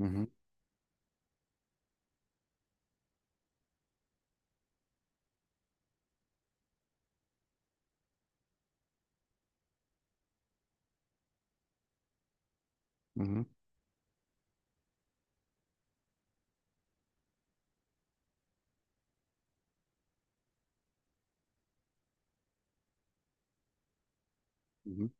Hı hı, hı hı, hı hı,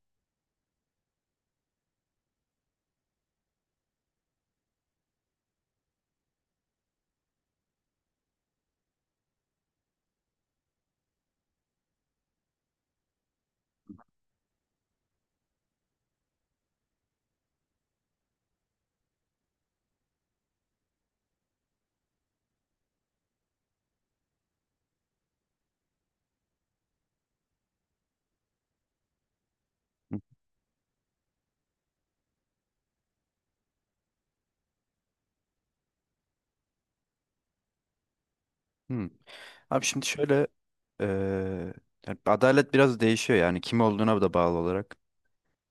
hı hı. Abi şimdi şöyle eee, yani adalet biraz değişiyor, yani kim olduğuna da bağlı olarak.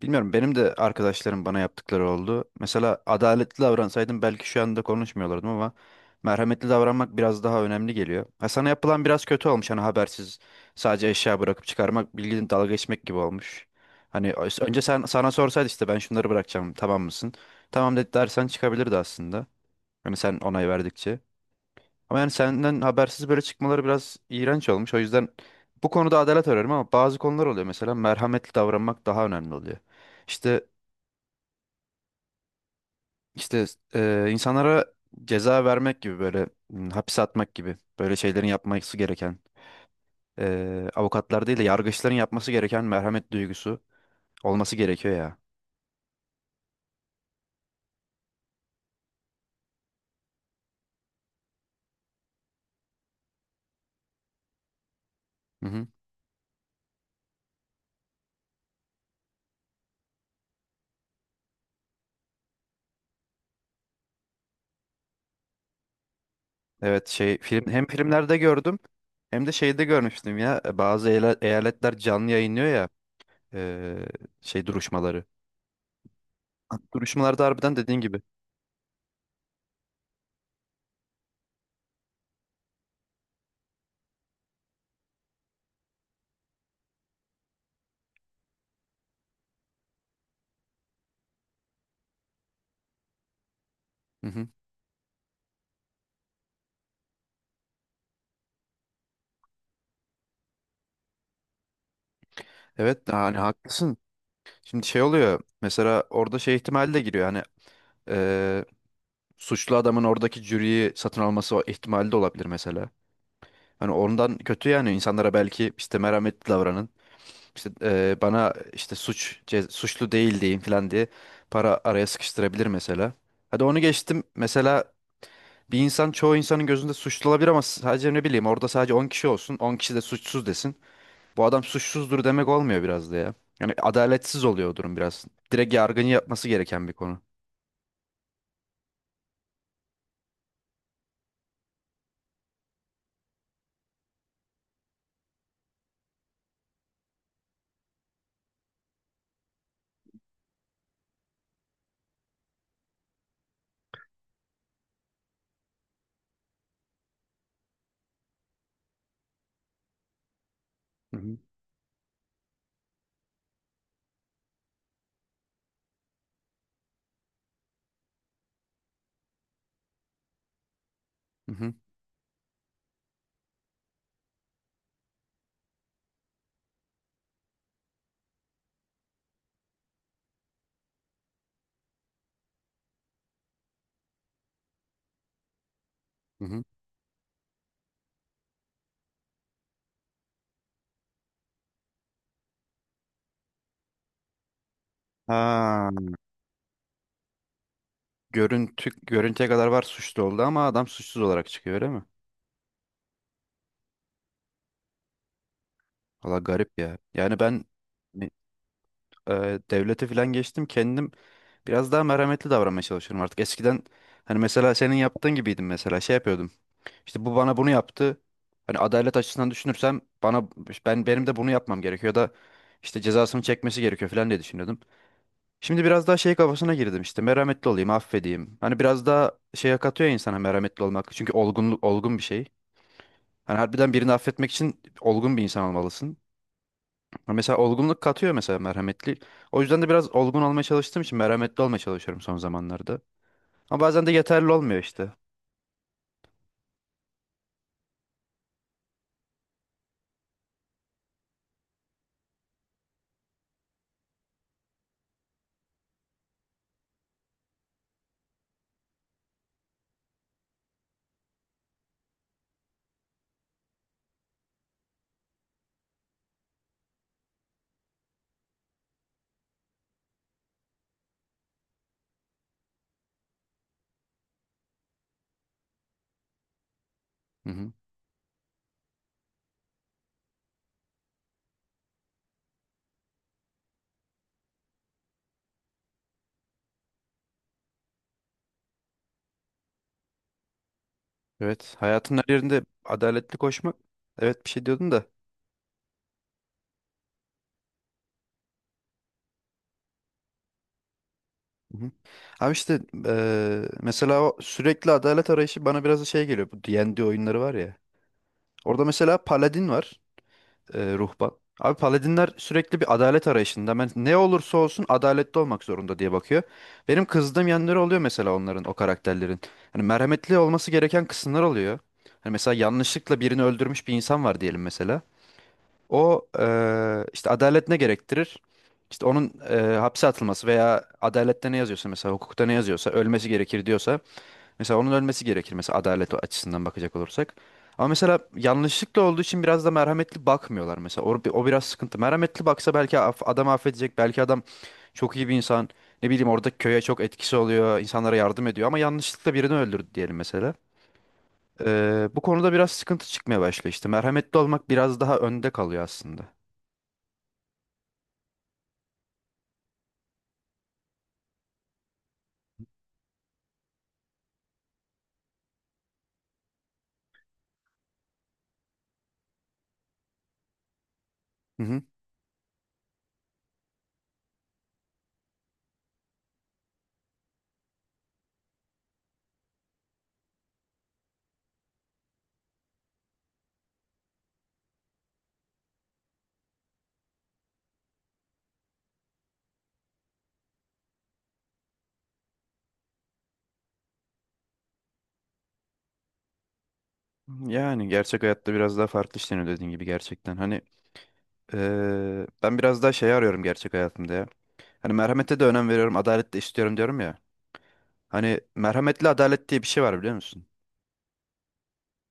Bilmiyorum, benim de arkadaşlarım bana yaptıkları oldu. Mesela adaletli davransaydım belki şu anda konuşmuyorlardım ama merhametli davranmak biraz daha önemli geliyor. Ha, sana yapılan biraz kötü olmuş, hani habersiz sadece eşya bırakıp çıkarmak bildiğin dalga geçmek gibi olmuş. Hani önce sen sana sorsaydı, işte ben şunları bırakacağım, tamam mısın? Tamam dedi dersen çıkabilirdi aslında. Hani sen onay verdikçe. Ama yani senden habersiz böyle çıkmaları biraz iğrenç olmuş. O yüzden bu konuda adalet arıyorum ama bazı konular oluyor. Mesela merhametli davranmak daha önemli oluyor. İşte işte insanlara ceza vermek gibi, böyle hapse atmak gibi böyle şeylerin yapması gereken, avukatlar değil de yargıçların yapması gereken merhamet duygusu olması gerekiyor ya. Hı hı. Evet, şey film hem filmlerde gördüm, hem de şeyde görmüştüm ya, bazı eyaletler canlı yayınlıyor ya, e, şey duruşmaları. Duruşmalarda harbiden dediğin gibi. Hı hı. Evet, yani haklısın. Şimdi şey oluyor, mesela orada şey ihtimali de giriyor, hani eee, suçlu adamın oradaki jüriyi satın alması, o ihtimali de olabilir mesela. Hani ondan kötü yani, insanlara belki işte merhametli davranın işte, bana işte suçlu değil diyeyim falan diye para araya sıkıştırabilir mesela. Hadi onu geçtim, mesela bir insan çoğu insanın gözünde suçlu olabilir ama sadece ne bileyim, orada sadece 10 kişi olsun, 10 kişi de suçsuz desin. Bu adam suçsuzdur demek olmuyor biraz da ya. Yani adaletsiz oluyor o durum biraz. Direkt yargının yapması gereken bir konu. Hı hı. Hı hı. Hı hı. Ha, görüntü, görüntüye kadar var, suçlu oldu ama adam suçsuz olarak çıkıyor, öyle mi? Valla garip ya. Yani ben e, devlete falan geçtim, kendim biraz daha merhametli davranmaya çalışıyorum artık. Eskiden hani mesela senin yaptığın gibiydim, mesela şey yapıyordum. İşte bu bana bunu yaptı. Hani adalet açısından düşünürsem bana benim de bunu yapmam gerekiyor da, işte cezasını çekmesi gerekiyor falan diye düşünüyordum. Şimdi biraz daha şey kafasına girdim, işte merhametli olayım, affedeyim. Hani biraz daha şeye katıyor ya insana merhametli olmak. Çünkü olgunluk olgun bir şey. Hani harbiden birini affetmek için olgun bir insan olmalısın. Ama mesela olgunluk katıyor mesela merhametli. O yüzden de biraz olgun olmaya çalıştığım için merhametli olmaya çalışıyorum son zamanlarda. Ama bazen de yeterli olmuyor işte. Hı hı. Evet, hayatın her yerinde adaletli koşmak. Evet, bir şey diyordun da. Hı hı. Abi işte mesela o sürekli adalet arayışı bana biraz da şey geliyor. Bu D&D oyunları var ya. Orada mesela paladin var, ruhban. Abi paladinler sürekli bir adalet arayışında. Ben ne olursa olsun adaletli olmak zorunda diye bakıyor. Benim kızdığım yanları oluyor mesela onların, o karakterlerin. Hani merhametli olması gereken kısımlar oluyor. Hani mesela yanlışlıkla birini öldürmüş bir insan var diyelim mesela. O işte adalet ne gerektirir? İşte onun hapse atılması veya adalette ne yazıyorsa, mesela hukukta ne yazıyorsa ölmesi gerekir diyorsa, mesela onun ölmesi gerekir mesela, adalet açısından bakacak olursak. Ama mesela yanlışlıkla olduğu için biraz da merhametli bakmıyorlar mesela. O, o biraz sıkıntı. Merhametli baksa belki af, adam affedecek. Belki adam çok iyi bir insan. Ne bileyim, orada köye çok etkisi oluyor. İnsanlara yardım ediyor ama yanlışlıkla birini öldürdü diyelim mesela. Bu konuda biraz sıkıntı çıkmaya başlıyor işte. Merhametli olmak biraz daha önde kalıyor aslında. Yani gerçek hayatta biraz daha farklı işleniyor dediğin gibi, gerçekten. Hani ben biraz daha şey arıyorum gerçek hayatımda ya. Hani merhamete de önem veriyorum, adalet de istiyorum diyorum ya. Hani merhametli adalet diye bir şey var, biliyor musun?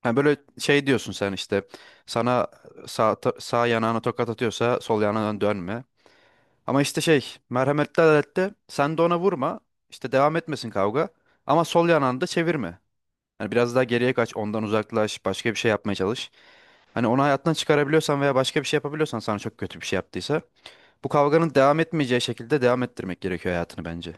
Hani böyle şey diyorsun sen, işte sana sağ, sağ yanağına tokat atıyorsa sol yanağına dönme. Ama işte şey, merhametli adalette sen de ona vurma, işte devam etmesin kavga ama sol yanağını da çevirme. Hani biraz daha geriye kaç, ondan uzaklaş, başka bir şey yapmaya çalış. Hani onu hayattan çıkarabiliyorsan veya başka bir şey yapabiliyorsan, sana çok kötü bir şey yaptıysa, bu kavganın devam etmeyeceği şekilde devam ettirmek gerekiyor hayatını bence.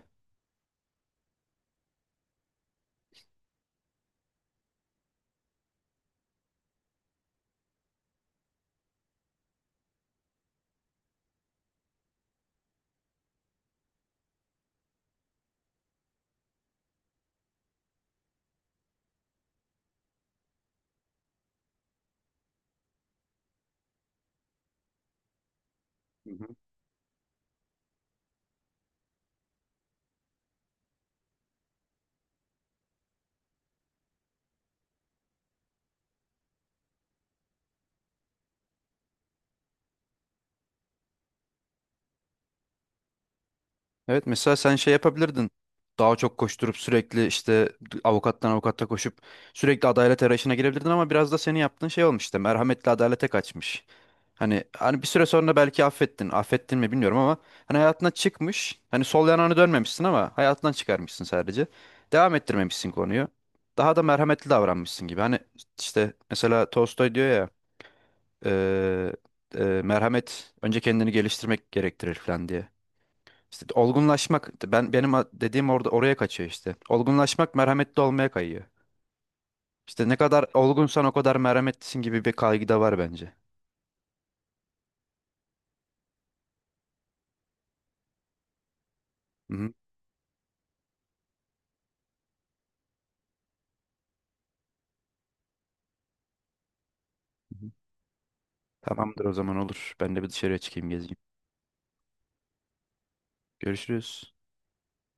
Hı hı. Evet, mesela sen şey yapabilirdin. Daha çok koşturup sürekli işte avukattan avukata koşup sürekli adalet arayışına girebilirdin ama biraz da senin yaptığın şey olmuş, işte merhametli adalete kaçmış. Hani bir süre sonra belki affettin. Affettin mi bilmiyorum ama hani hayatına çıkmış. Hani sol yanağını dönmemişsin ama hayatından çıkarmışsın sadece. Devam ettirmemişsin konuyu. Daha da merhametli davranmışsın gibi. Hani işte mesela Tolstoy diyor ya eee, merhamet önce kendini geliştirmek gerektirir falan diye. İşte olgunlaşmak, benim dediğim orada oraya kaçıyor işte. Olgunlaşmak merhametli olmaya kayıyor. İşte ne kadar olgunsan o kadar merhametlisin gibi bir kaygı da var bence. Hı hı. Tamamdır, o zaman olur. Ben de bir dışarıya çıkayım, gezeyim. Görüşürüz.